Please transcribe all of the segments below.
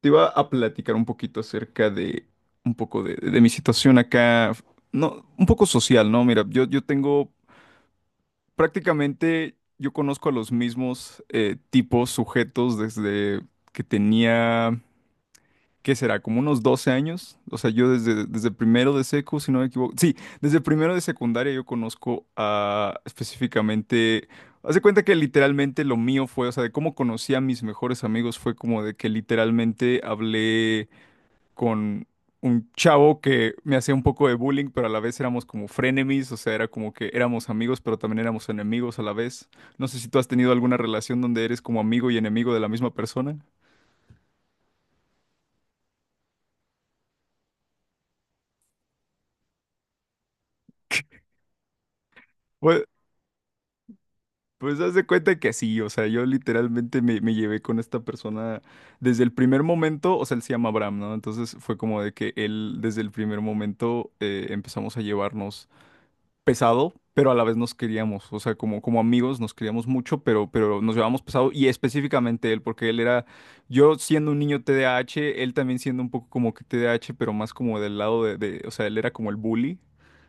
Te iba a platicar un poquito acerca de un poco de mi situación acá, no, un poco social, ¿no? Mira, yo tengo prácticamente, yo conozco a los mismos tipos, sujetos desde que tenía, ¿qué será? Como unos 12 años. O sea, yo desde primero de secu, si no me equivoco. Sí, desde primero de secundaria yo conozco a específicamente... Haz de cuenta que literalmente lo mío fue, o sea, de cómo conocí a mis mejores amigos fue como de que literalmente hablé con un chavo que me hacía un poco de bullying, pero a la vez éramos como frenemies, o sea, era como que éramos amigos, pero también éramos enemigos a la vez. No sé si tú has tenido alguna relación donde eres como amigo y enemigo de la misma persona. Pues, pues haz de cuenta que sí, o sea, yo literalmente me llevé con esta persona desde el primer momento, o sea, él se llama Abraham, ¿no? Entonces fue como de que él desde el primer momento empezamos a llevarnos pesado, pero a la vez nos queríamos, o sea, como amigos nos queríamos mucho, pero nos llevábamos pesado y específicamente él, porque él era, yo siendo un niño TDAH, él también siendo un poco como que TDAH, pero más como del lado de o sea, él era como el bully,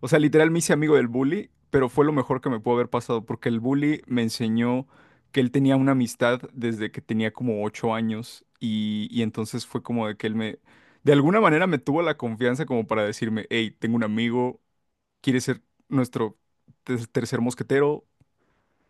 o sea, literal me hice amigo del bully, pero fue lo mejor que me pudo haber pasado, porque el bully me enseñó que él tenía una amistad desde que tenía como 8 años y entonces fue como de que él me... De alguna manera me tuvo la confianza como para decirme, hey, tengo un amigo, quiere ser nuestro tercer mosquetero.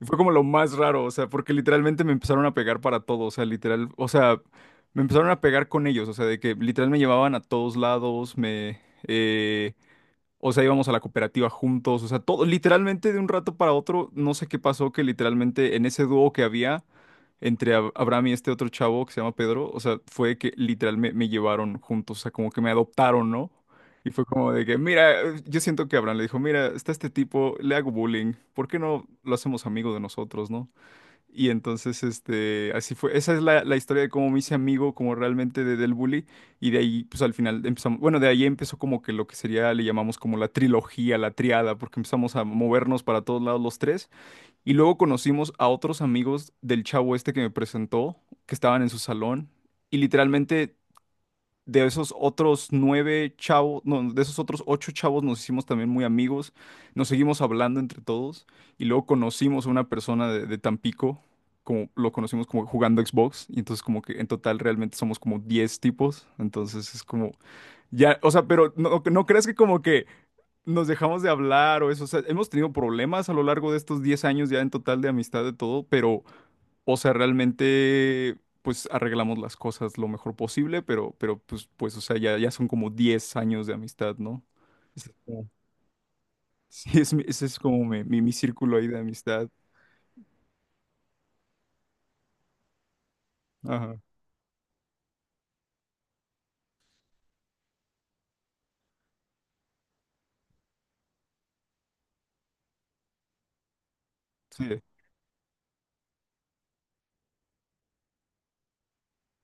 Y fue como lo más raro, o sea, porque literalmente me empezaron a pegar para todo, o sea, literal, o sea, me empezaron a pegar con ellos, o sea, de que literal me llevaban a todos lados, me, eh, o sea, íbamos a la cooperativa juntos, o sea, todo, literalmente de un rato para otro, no sé qué pasó, que literalmente en ese dúo que había entre Abraham y este otro chavo que se llama Pedro, o sea, fue que literal me llevaron juntos, o sea, como que me adoptaron, ¿no? Y fue como de que, mira, yo siento que Abraham le dijo, mira, está este tipo, le hago bullying, ¿por qué no lo hacemos amigo de nosotros, ¿no? Y entonces, este, así fue. Esa es la historia de cómo me hice amigo, como realmente de, del bully. Y de ahí, pues al final empezamos, bueno, de ahí empezó como que lo que sería, le llamamos como la trilogía, la triada, porque empezamos a movernos para todos lados los tres. Y luego conocimos a otros amigos del chavo este que me presentó, que estaban en su salón. Y literalmente de esos otros 9 chavos, no, de esos otros 8 chavos nos hicimos también muy amigos, nos seguimos hablando entre todos y luego conocimos a una persona de Tampico, como lo conocimos como jugando Xbox y entonces como que en total realmente somos como 10 tipos, entonces es como, ya, o sea, pero no, no crees que como que nos dejamos de hablar o eso. O sea, hemos tenido problemas a lo largo de estos 10 años ya en total de amistad de todo, pero o sea, realmente, pues arreglamos las cosas lo mejor posible, pero pues, pues, o sea, ya son como 10 años de amistad, ¿no? Es como- Sí, ese es como mi círculo ahí de amistad. Ajá, sí.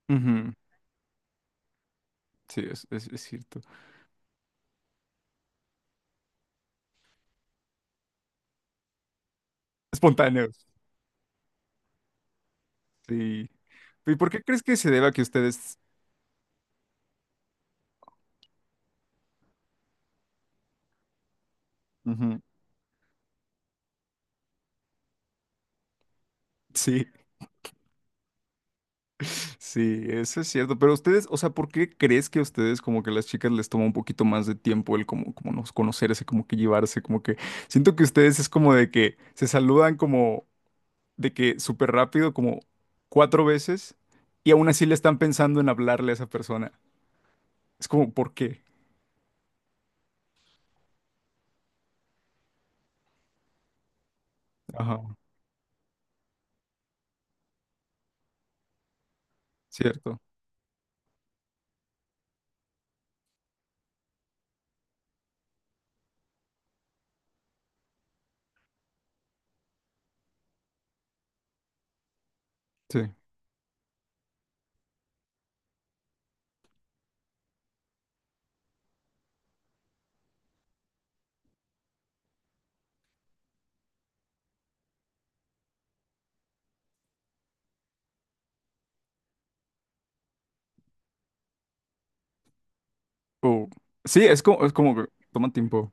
Ujú, sí, es cierto. Espontáneos, sí. ¿Y por qué crees que se deba que ustedes... Ujú, sí. Sí, eso es cierto. Pero ustedes, o sea, ¿por qué crees que a ustedes como que a las chicas les toma un poquito más de tiempo el como, como nos conocerse, como que llevarse, como que siento que ustedes es como de que se saludan como de que súper rápido, como 4 veces, y aún así le están pensando en hablarle a esa persona. Es como, ¿por qué? Ajá, cierto, sí. O- sí, es como que toma tiempo.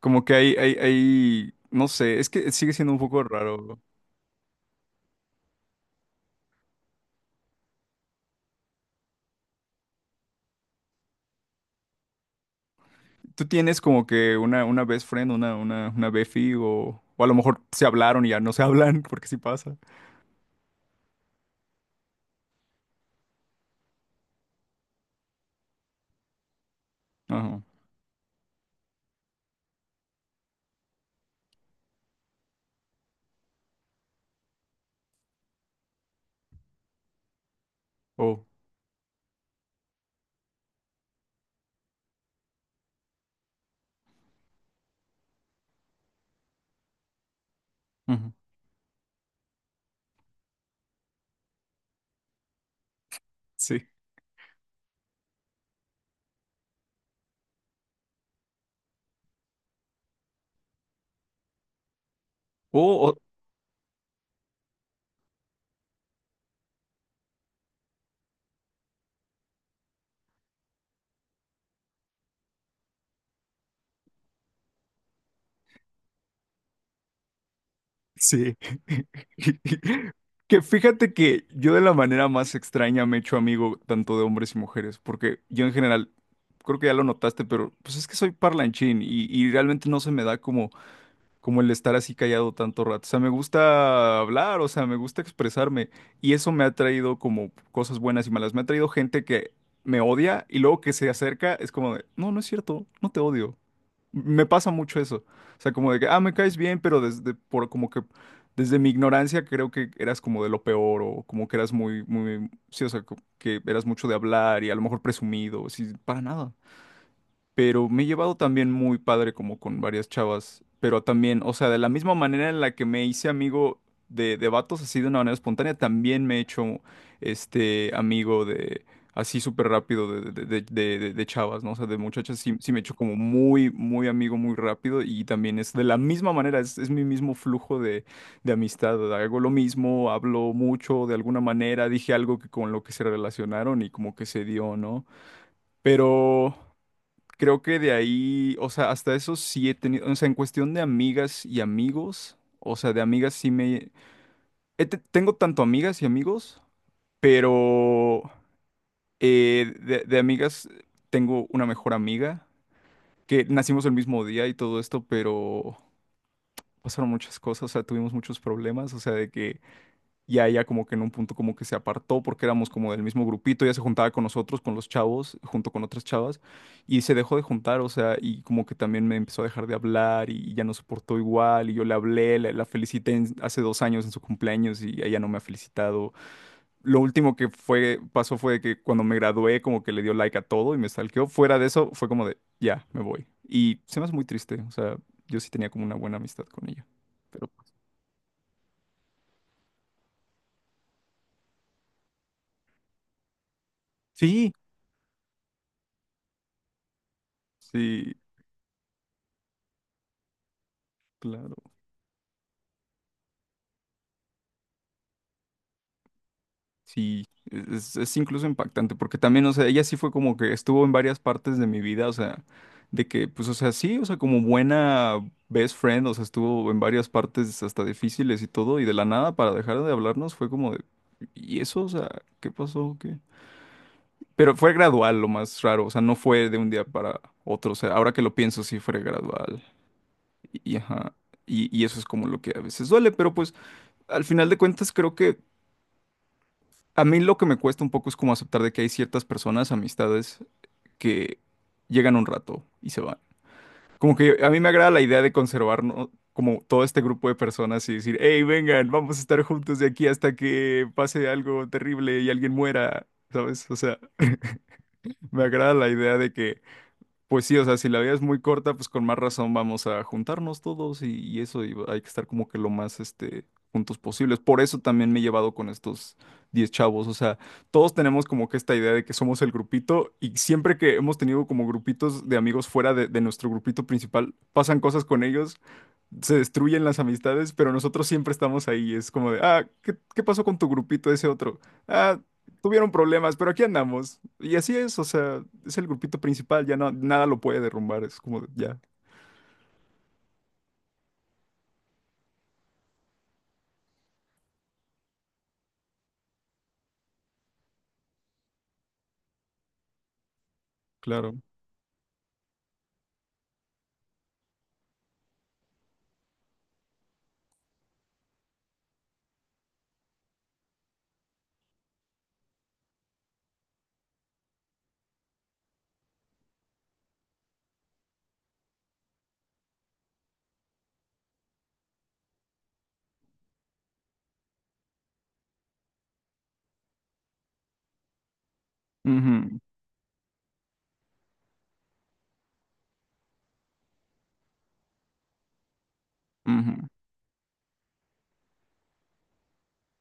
Como que hay, no sé, es que sigue siendo un poco raro. ¿Tú tienes como que una best friend, una befi o a lo mejor se hablaron y ya no se hablan porque sí pasa? Ajá. Oh, ujú, sí. Oh, oh, sí. Que fíjate que yo de la manera más extraña me he hecho amigo tanto de hombres y mujeres, porque yo en general, creo que ya lo notaste, pero pues es que soy parlanchín y realmente no se me da como el estar así callado tanto rato. O sea, me gusta hablar, o sea, me gusta expresarme. Y eso me ha traído como cosas buenas y malas. Me ha traído gente que me odia y luego que se acerca es como de, no, no es cierto, no te odio. Me pasa mucho eso. O sea, como de que, ah, me caes bien, pero desde, por, como que, desde mi ignorancia creo que eras como de lo peor o como que eras muy, sí, o sea, que eras mucho de hablar y a lo mejor presumido, sí, para nada, pero me he llevado también muy padre como con varias chavas, pero también, o sea, de la misma manera en la que me hice amigo de vatos así de una manera espontánea, también me he hecho este amigo de así súper rápido de chavas, ¿no? O sea, de muchachas sí me he hecho como muy amigo muy rápido y también es de la misma manera, es mi mismo flujo de amistad, hago lo mismo, hablo mucho de alguna manera, dije algo que con lo que se relacionaron y como que se dio, ¿no? Pero... Creo que de ahí, o sea, hasta eso sí he tenido, o sea, en cuestión de amigas y amigos, o sea, de amigas sí me... tengo tanto amigas y amigos, pero de amigas tengo una mejor amiga, que nacimos el mismo día y todo esto, pero pasaron muchas cosas, o sea, tuvimos muchos problemas, o sea, de que y a ella como que en un punto como que se apartó porque éramos como del mismo grupito, ella se juntaba con nosotros, con los chavos, junto con otras chavas, y se dejó de juntar, o sea, y como que también me empezó a dejar de hablar y ya no soportó igual, y yo le hablé, la felicité hace 2 años en su cumpleaños y ella no me ha felicitado. Lo último que pasó fue que cuando me gradué como que le dio like a todo y me stalkeó. Fuera de eso fue como de, ya, me voy. Y se me hace muy triste, o sea, yo sí tenía como una buena amistad con ella. Pero sí, sí, claro. Sí, es incluso impactante, porque también, o sea, ella sí fue como que estuvo en varias partes de mi vida, o sea, de que, pues, o sea, sí, o sea, como buena best friend, o sea, estuvo en varias partes hasta difíciles y todo, y de la nada, para dejar de hablarnos, fue como de, ¿y eso? O sea, ¿qué pasó? ¿Qué? Pero fue gradual, lo más raro, o sea, no fue de un día para otro, o sea, ahora que lo pienso, sí fue gradual, y ajá, y eso es como lo que a veces duele, pero pues, al final de cuentas, creo que a mí lo que me cuesta un poco es como aceptar de que hay ciertas personas, amistades, que llegan un rato y se van. Como que a mí me agrada la idea de conservar, ¿no? Como todo este grupo de personas y decir, hey, vengan, vamos a estar juntos de aquí hasta que pase algo terrible y alguien muera, ¿sabes? O sea, me agrada la idea de que pues sí, o sea, si la vida es muy corta, pues con más razón vamos a juntarnos todos y eso, y hay que estar como que lo más, este, juntos posibles. Por eso también me he llevado con estos 10 chavos, o sea, todos tenemos como que esta idea de que somos el grupito y siempre que hemos tenido como grupitos de amigos fuera de nuestro grupito principal, pasan cosas con ellos, se destruyen las amistades, pero nosotros siempre estamos ahí. Es como de, ah, qué pasó con tu grupito ese otro? Ah, tuvieron problemas, pero aquí andamos. Y así es, o sea, es el grupito principal, ya no, nada lo puede derrumbar, es como de, ya, claro. Ujú, ujú,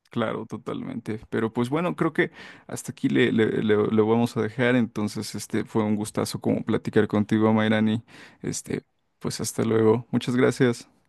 claro, totalmente. Pero pues bueno, creo que hasta aquí lo vamos a dejar. Entonces, este fue un gustazo como platicar contigo, Mayrani. Este, pues hasta luego. Muchas gracias.